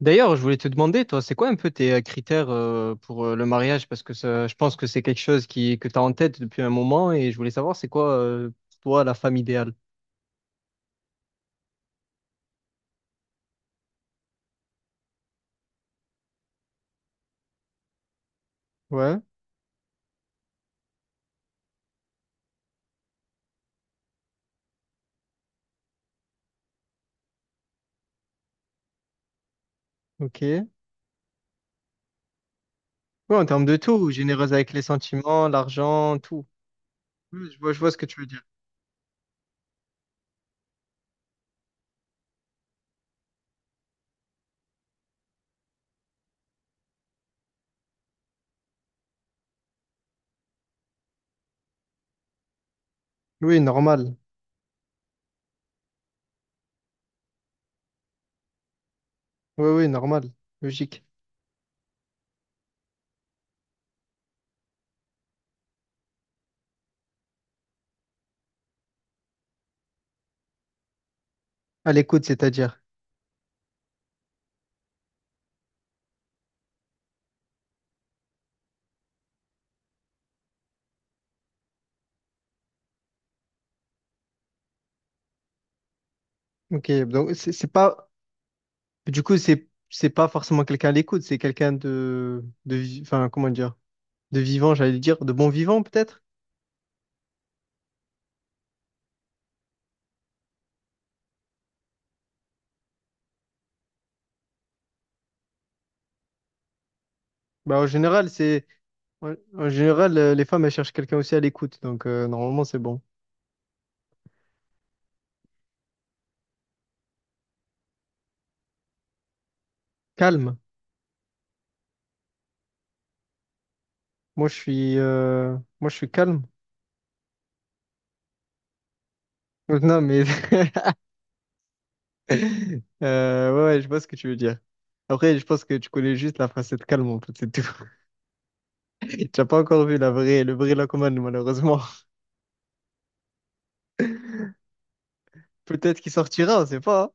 D'ailleurs, je voulais te demander, toi, c'est quoi un peu tes critères pour le mariage? Parce que je pense que c'est quelque chose que tu as en tête depuis un moment et je voulais savoir, c'est quoi pour toi la femme idéale? Ouais, ok. Ouais, en termes de tout, généreuse avec les sentiments, l'argent, tout. Oui, je vois ce que tu veux dire. Oui, normal. Oui, oui, normal. Logique. À l'écoute, c'est-à-dire. Ok, donc c'est pas... Du coup, c'est pas forcément quelqu'un à l'écoute, c'est quelqu'un de... Enfin, comment dire? De vivant, j'allais dire. De bon vivant, peut-être? Bah, en général, c'est en en général les femmes elles cherchent quelqu'un aussi à l'écoute, donc normalement c'est bon. Calme. Moi je suis calme. Non mais ouais, ouais, je vois ce que tu veux dire. Après, je pense que tu connais juste la facette calme en fait, c'est tout. Tu n'as pas encore vu la vraie le vrai Lacomane malheureusement. Peut-être qu'il sortira, on sait pas.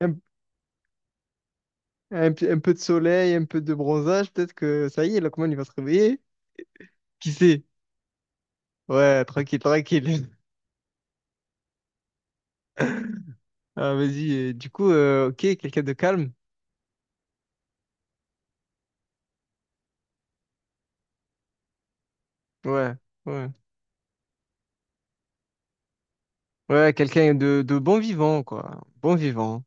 Hein. Un, un peu de soleil, un peu de bronzage, peut-être que ça y est, Lacomane il va se réveiller. Qui sait? Ouais, tranquille, tranquille. Ah, vas-y, du coup, ok, quelqu'un de calme. Ouais, ouais. Ouais, quelqu'un de bon vivant, quoi. Bon vivant.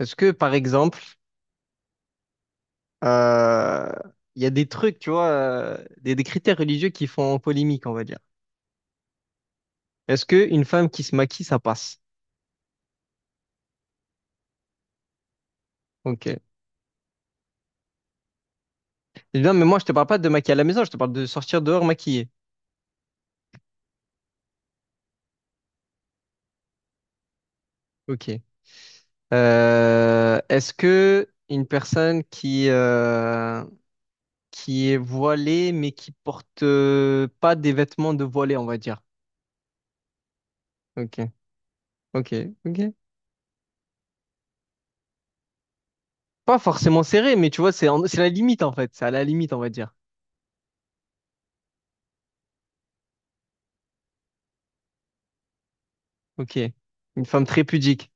Est-ce que, par exemple, euh, il y a des trucs, tu vois, des critères religieux qui font polémique, on va dire. Est-ce que une femme qui se maquille, ça passe? Ok. Eh bien, mais moi, je te parle pas de maquiller à la maison, je te parle de sortir dehors maquillée. Ok. Est-ce que une personne qui est voilée, mais qui porte pas des vêtements de voilée, on va dire? Ok, ok, ok. Pas forcément serré, mais tu vois, c'est la limite en fait. C'est à la limite, on va dire. Ok. Une femme très pudique.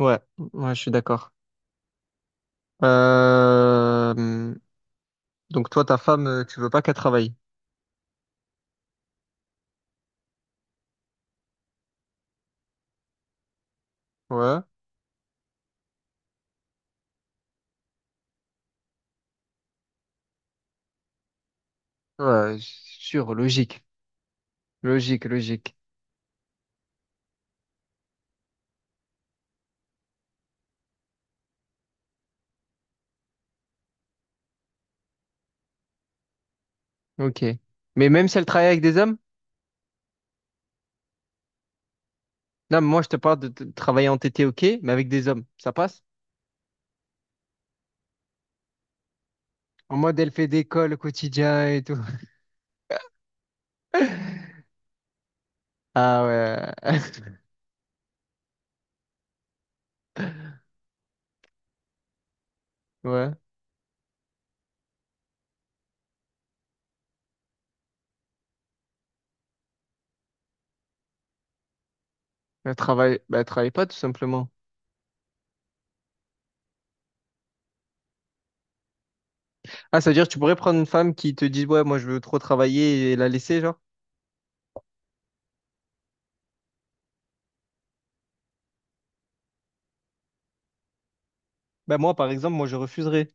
Ouais, ouais, je suis d'accord. Euh... Donc toi, ta femme, tu veux pas qu'elle travaille. Ouais. Ouais, sûr, logique. Logique, logique. Ok. Mais même si elle travaille avec des hommes? Là, moi, je te parle de travailler en TT, ok, mais avec des hommes, ça passe? En mode, elle fait des cols au quotidien et tout. Ah ouais. Ouais. Elle travaille, bah, elle travaille pas tout simplement. Ah, ça veut dire que tu pourrais prendre une femme qui te dit, ouais, moi je veux trop travailler et la laisser, genre? Bah moi, par exemple, moi je refuserais.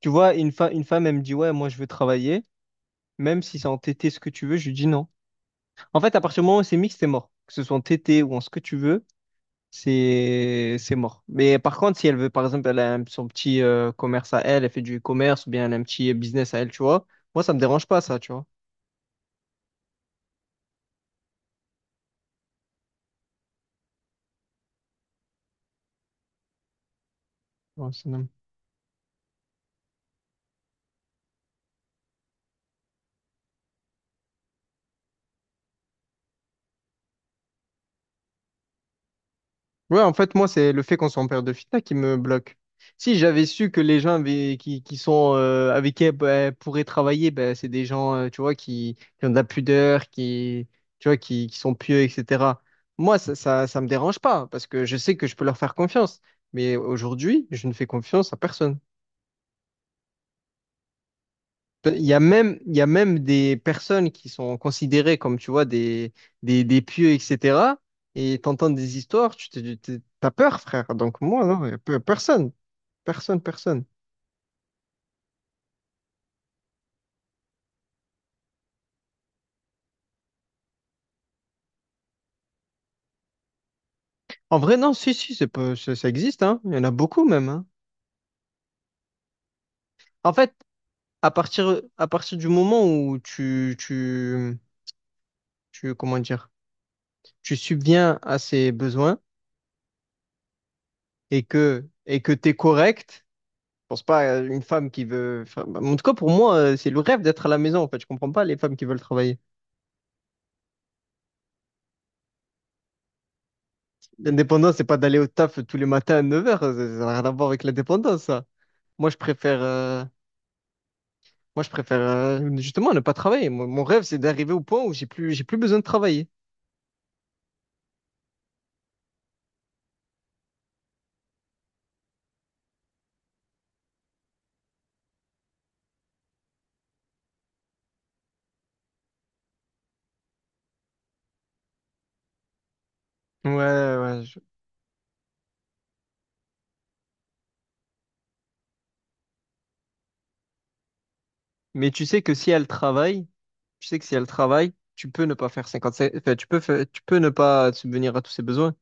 Tu vois, une femme, elle me dit, ouais, moi je veux travailler, même si c'est en T T ce que tu veux, je lui dis non. En fait, à partir du moment où c'est mixte, c'est mort. Que ce soit en T T ou en ce que tu veux, c'est mort. Mais par contre, si elle veut, par exemple, son petit commerce à elle, elle fait du commerce ou bien elle a un petit business à elle, tu vois, moi ça me dérange pas, ça, tu vois. Ouais, ça. Ouais, en fait, moi, c'est le fait qu'on soit en période de fitna qui me bloque. Si j'avais su que qui sont, avec qui elle, elle pourrait travailler, ben, c'est des gens, tu vois, qui ont de la pudeur, qui, tu vois, qui sont pieux, etc. Moi, ça me dérange pas parce que je sais que je peux leur faire confiance. Mais aujourd'hui, je ne fais confiance à personne. Il y a même, il y a même des personnes qui sont considérées comme, tu vois, des pieux, etc. Et t'entends des histoires, t'as peur, frère. Donc moi, non, personne. Personne, personne. En vrai, non, si, si, c'est pas- ça existe, hein. Il y en a beaucoup même, hein. En fait, à partir du moment où tu, comment dire, tu subviens à ses besoins et que t'es correct, je pense pas à une femme qui veut, enfin, bah, en tout cas, pour moi, c'est le rêve d'être à la maison, en fait. Je comprends pas les femmes qui veulent travailler. L'indépendance, c'est pas d'aller au taf tous les matins à 9 heures. Ça ça n'a rien à voir avec l'indépendance, ça. Moi, je préfère, euh, Moi, je préfère justement ne pas travailler. Mon rêve, c'est d'arriver au point où j'ai plus besoin de travailler. Ouais, ouais. Mais tu sais que si elle travaille, tu sais que si elle travaille, tu peux ne pas faire 55, enfin, tu peux ne pas subvenir à tous ses besoins.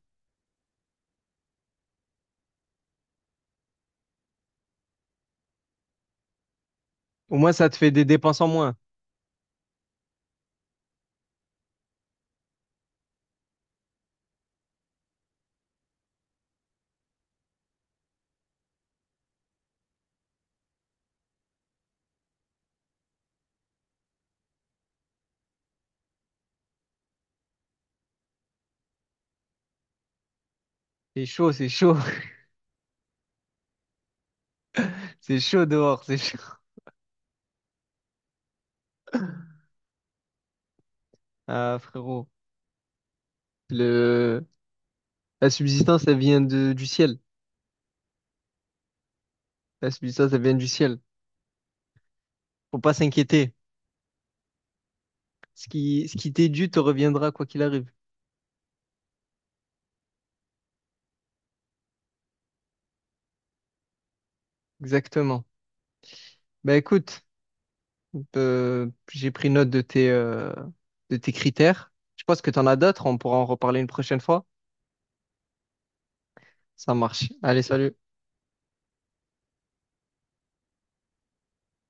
Au moins, ça te fait des dépenses en moins. C'est chaud, c'est chaud dehors, c'est chaud. Ah, frérot, le, la subsistance, elle vient du ciel. La subsistance, elle vient du ciel. Faut pas s'inquiéter. Ce qui t'est dû te reviendra quoi qu'il arrive. Exactement. Ben écoute. J'ai pris note de tes critères. Je pense que tu en as d'autres, on pourra en reparler une prochaine fois. Ça marche. Allez, salut.